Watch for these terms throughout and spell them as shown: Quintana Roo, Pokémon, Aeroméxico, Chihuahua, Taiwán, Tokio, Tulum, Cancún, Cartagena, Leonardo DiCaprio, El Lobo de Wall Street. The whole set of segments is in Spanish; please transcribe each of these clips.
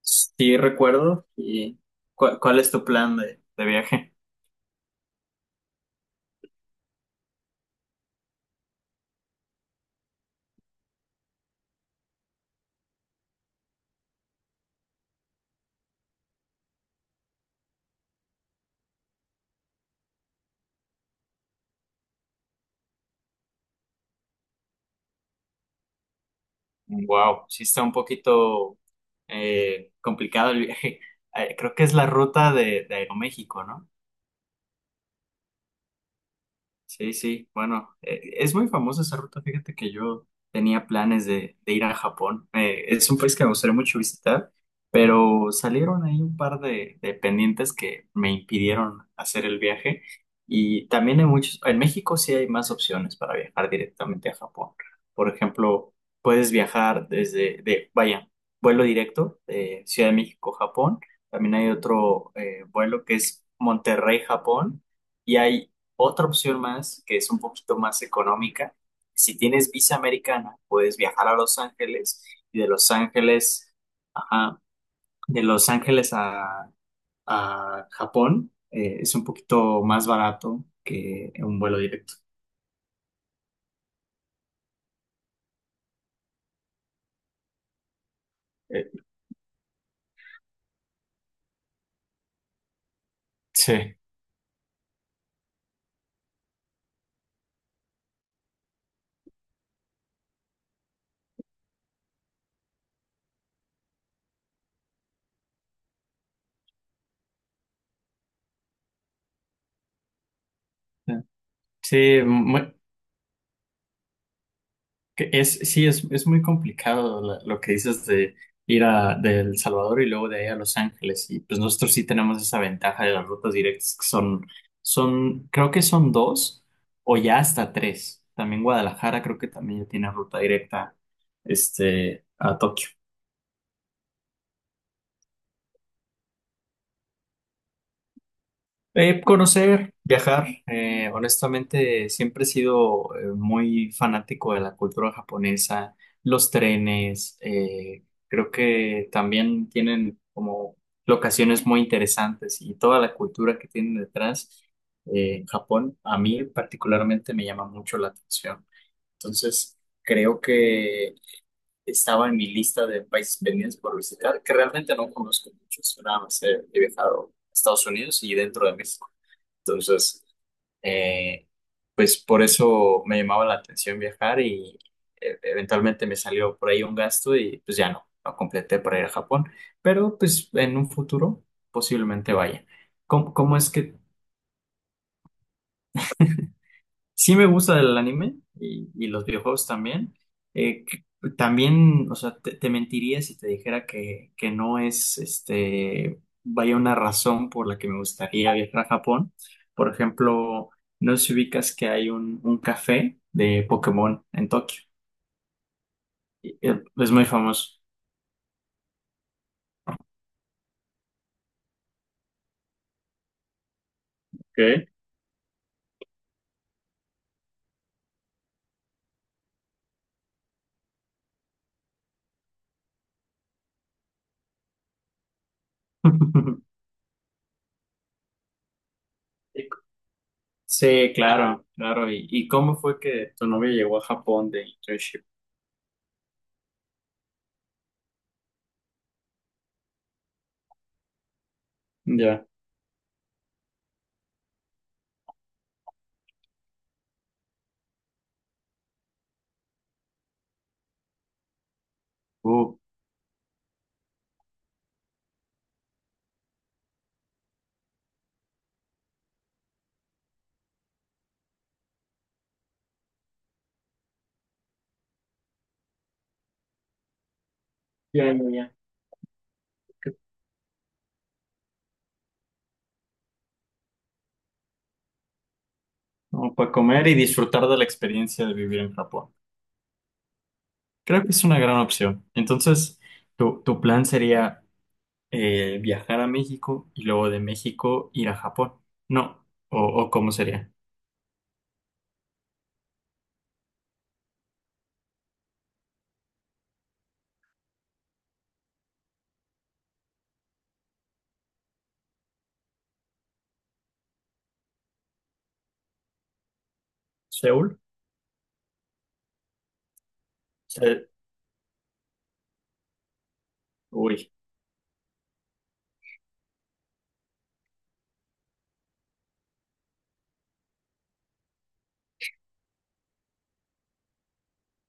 Sí, recuerdo. ¿Y cuál es tu plan de viaje? Wow, sí está un poquito complicado el viaje. Creo que es la ruta de Aeroméxico, ¿no? Sí, sí, bueno, es muy famosa esa ruta. Fíjate que yo tenía planes de ir a Japón. Es un país que me gustaría mucho visitar, pero salieron ahí un par de pendientes que me impidieron hacer el viaje. Y también hay muchos, en México sí hay más opciones para viajar directamente a Japón. Por ejemplo, puedes viajar vaya, vuelo directo de Ciudad de México, Japón. También hay otro vuelo que es Monterrey, Japón. Y hay otra opción más, que es un poquito más económica. Si tienes visa americana, puedes viajar a Los Ángeles y de Los Ángeles, ajá, de Los Ángeles a Japón. Es un poquito más barato que un vuelo directo. Eh, Sí, sí, Que Es, sí, es muy complicado lo que dices de ir a de El Salvador y luego de ahí a Los Ángeles. Y pues nosotros sí tenemos esa ventaja de las rutas directas que son, creo que son dos o ya hasta tres. También Guadalajara creo que también ya tiene ruta directa, a Tokio. Conocer, viajar, honestamente siempre he sido muy fanático de la cultura japonesa, los trenes. Creo que también tienen como locaciones muy interesantes y toda la cultura que tienen detrás. Japón, a mí particularmente me llama mucho la atención. Entonces, creo que estaba en mi lista de países pendientes por visitar, que realmente no conozco muchos. Nada más he viajado a Estados Unidos y dentro de México. Entonces, eh, pues por eso me llamaba la atención viajar y eventualmente me salió por ahí un gasto y pues ya no completé para ir a Japón, pero pues en un futuro posiblemente vaya. ¿Cómo es que... Sí, me gusta el anime y los videojuegos también. Eh, que- también, o sea, te mentiría si te dijera que, no es, vaya, una razón por la que me gustaría viajar a Japón. Por ejemplo, no sé si ubicas que hay un café de Pokémon en Tokio. Es muy famoso. Ok. Sí, claro, claro. ¿Y cómo fue que tu novia llegó a Japón de internship? Ya. Uh, Ya, ya, ya. Como para comer y disfrutar de la experiencia de vivir en Japón. Creo que es una gran opción. Entonces, tu plan sería, viajar a México y luego de México ir a Japón. No, o ¿cómo sería? ¿Seúl? Se- Uy,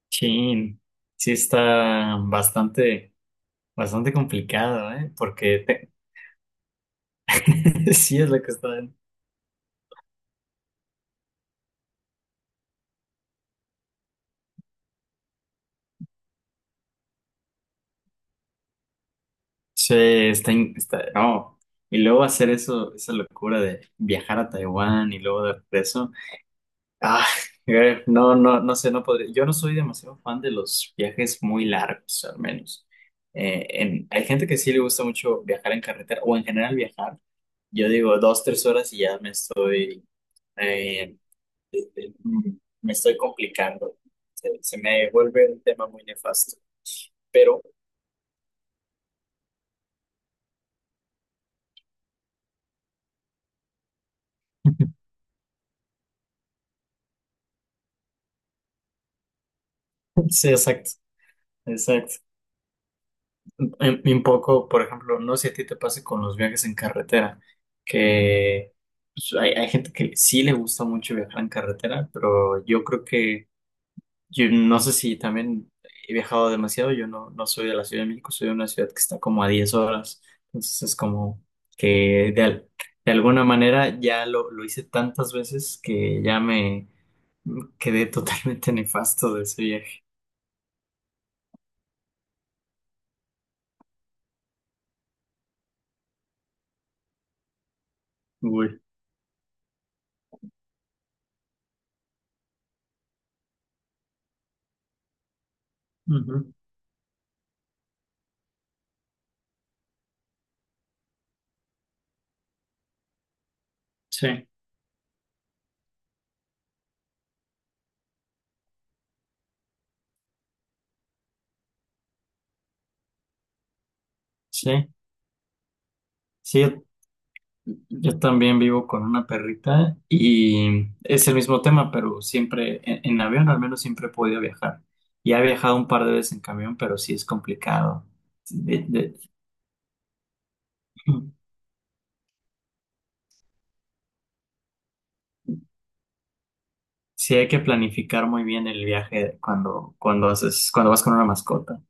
chin. Sí está bastante, bastante complicado, ¿eh? Porque sí es lo que está, sí, está, está. No. Y luego hacer eso, esa locura de viajar a Taiwán y luego de regreso. Ah, no, no, no sé, no podría. Yo no soy demasiado fan de los viajes muy largos, al menos. Hay gente que sí le gusta mucho viajar en carretera o en general viajar. Yo digo 2, 3 horas y ya me estoy, eh, eh, eh, mm, me estoy complicando. Se me vuelve un tema muy nefasto. Pero, sí, exacto, exacto. Un poco, por ejemplo, no sé si a ti te pase con los viajes en carretera, que pues, hay gente que sí le gusta mucho viajar en carretera. Pero yo creo que, yo no sé si también he viajado demasiado. Yo no soy de la Ciudad de México, soy de una ciudad que está como a 10 horas. Entonces es como que de alguna manera ya lo hice tantas veces que ya me quedé totalmente nefasto de ese viaje. Uy. Ujú. Sí. Sí, sí, yo también vivo con una perrita y es el mismo tema, pero siempre en avión, al menos siempre he podido viajar. Ya he viajado un par de veces en camión, pero sí es complicado. De- de- sí hay que planificar muy bien el viaje cuando, haces, cuando vas con una mascota.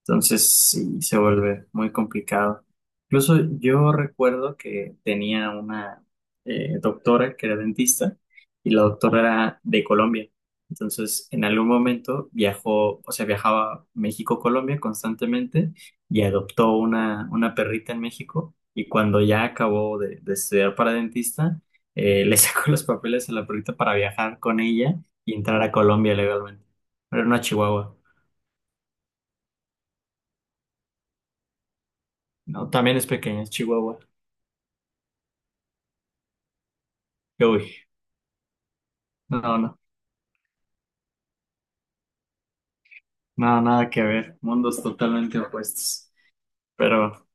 Entonces sí, se vuelve muy complicado. Incluso yo recuerdo que tenía una, doctora que era dentista, y la doctora era de Colombia. Entonces en algún momento viajó, o sea, viajaba a México-Colombia constantemente y adoptó una perrita en México, y cuando ya acabó de estudiar para dentista, le sacó los papeles a la perrita para viajar con ella y entrar a Colombia legalmente. Pero no a Chihuahua. No, también es pequeña, es Chihuahua. Uy, no, no, no, nada que ver, mundos totalmente opuestos. Pero,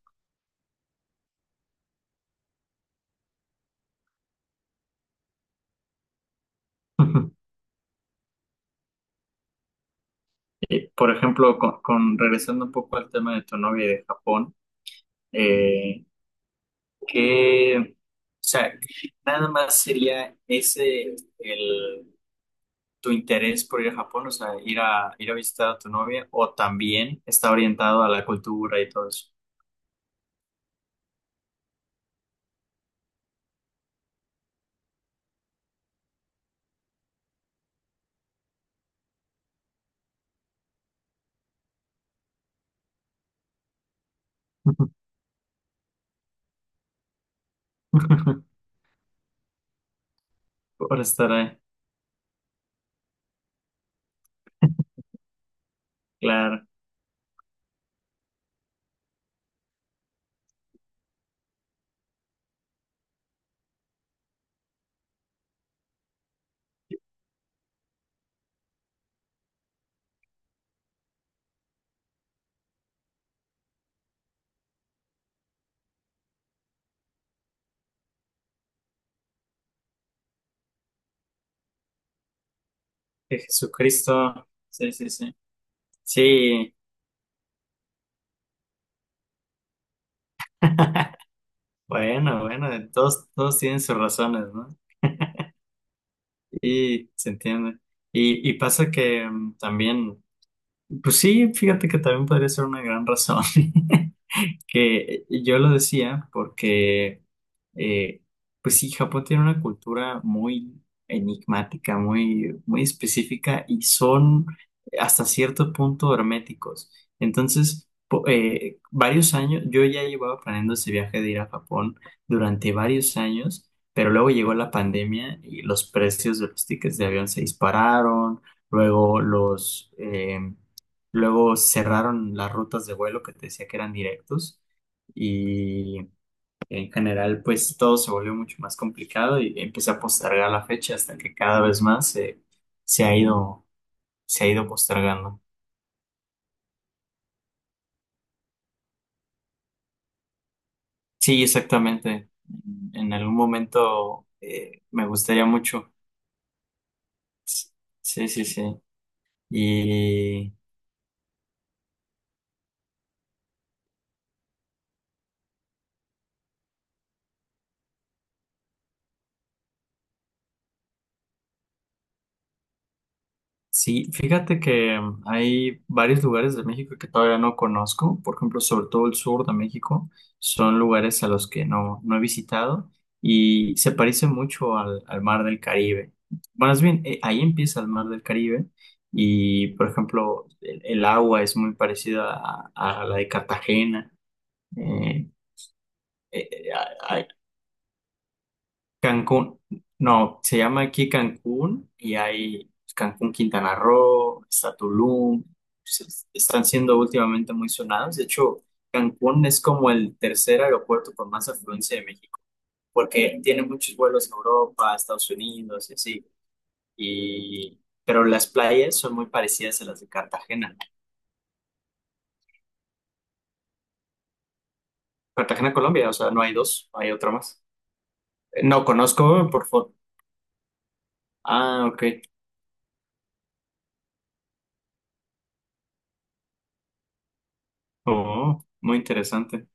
por ejemplo, regresando un poco al tema de tu novia y de Japón, eh, o sea, nada más sería ese tu interés por ir a Japón, o sea, ir a visitar a tu novia, o también está orientado a la cultura y todo eso. Por estar ahí, claro. De Jesucristo, sí, sí, sí. Sí, bueno, bueno, todos tienen sus razones, ¿no? Y se entiende. Y pasa que también, pues sí, fíjate que también podría ser una gran razón. Que yo lo decía porque, eh, pues sí, Japón tiene una cultura muy enigmática, muy, muy específica, y son hasta cierto punto herméticos. Entonces, varios años, yo ya llevaba planeando ese viaje de ir a Japón durante varios años. Pero luego llegó la pandemia y los precios de los tickets de avión se dispararon. luego los... eh, Luego cerraron las rutas de vuelo que te decía que eran directos, y en general pues todo se volvió mucho más complicado, y empecé a postergar la fecha hasta que cada vez más se ha ido, se ha ido postergando. Sí, exactamente. En algún momento, me gustaría mucho. Sí, sí, sí. Y sí, fíjate que hay varios lugares de México que todavía no conozco, por ejemplo, sobre todo el sur de México. Son lugares a los que no he visitado, y se parece mucho al mar del Caribe. Bueno, más bien, ahí empieza el mar del Caribe. Y, por ejemplo, el agua es muy parecida a la de Cartagena. Eh, eh, eh, Cancún, no, se llama aquí Cancún, y hay pues, Cancún, Quintana Roo, está Tulum. se- Están siendo últimamente muy sonados. De hecho, Cancún es como el tercer aeropuerto con más afluencia de México, porque tiene muchos vuelos a Europa, a Estados Unidos y así. Y, pero las playas son muy parecidas a las de Cartagena. Cartagena, Colombia, o sea, no hay dos, hay otra más. No conozco por foto. Ah, ok. Oh, muy interesante.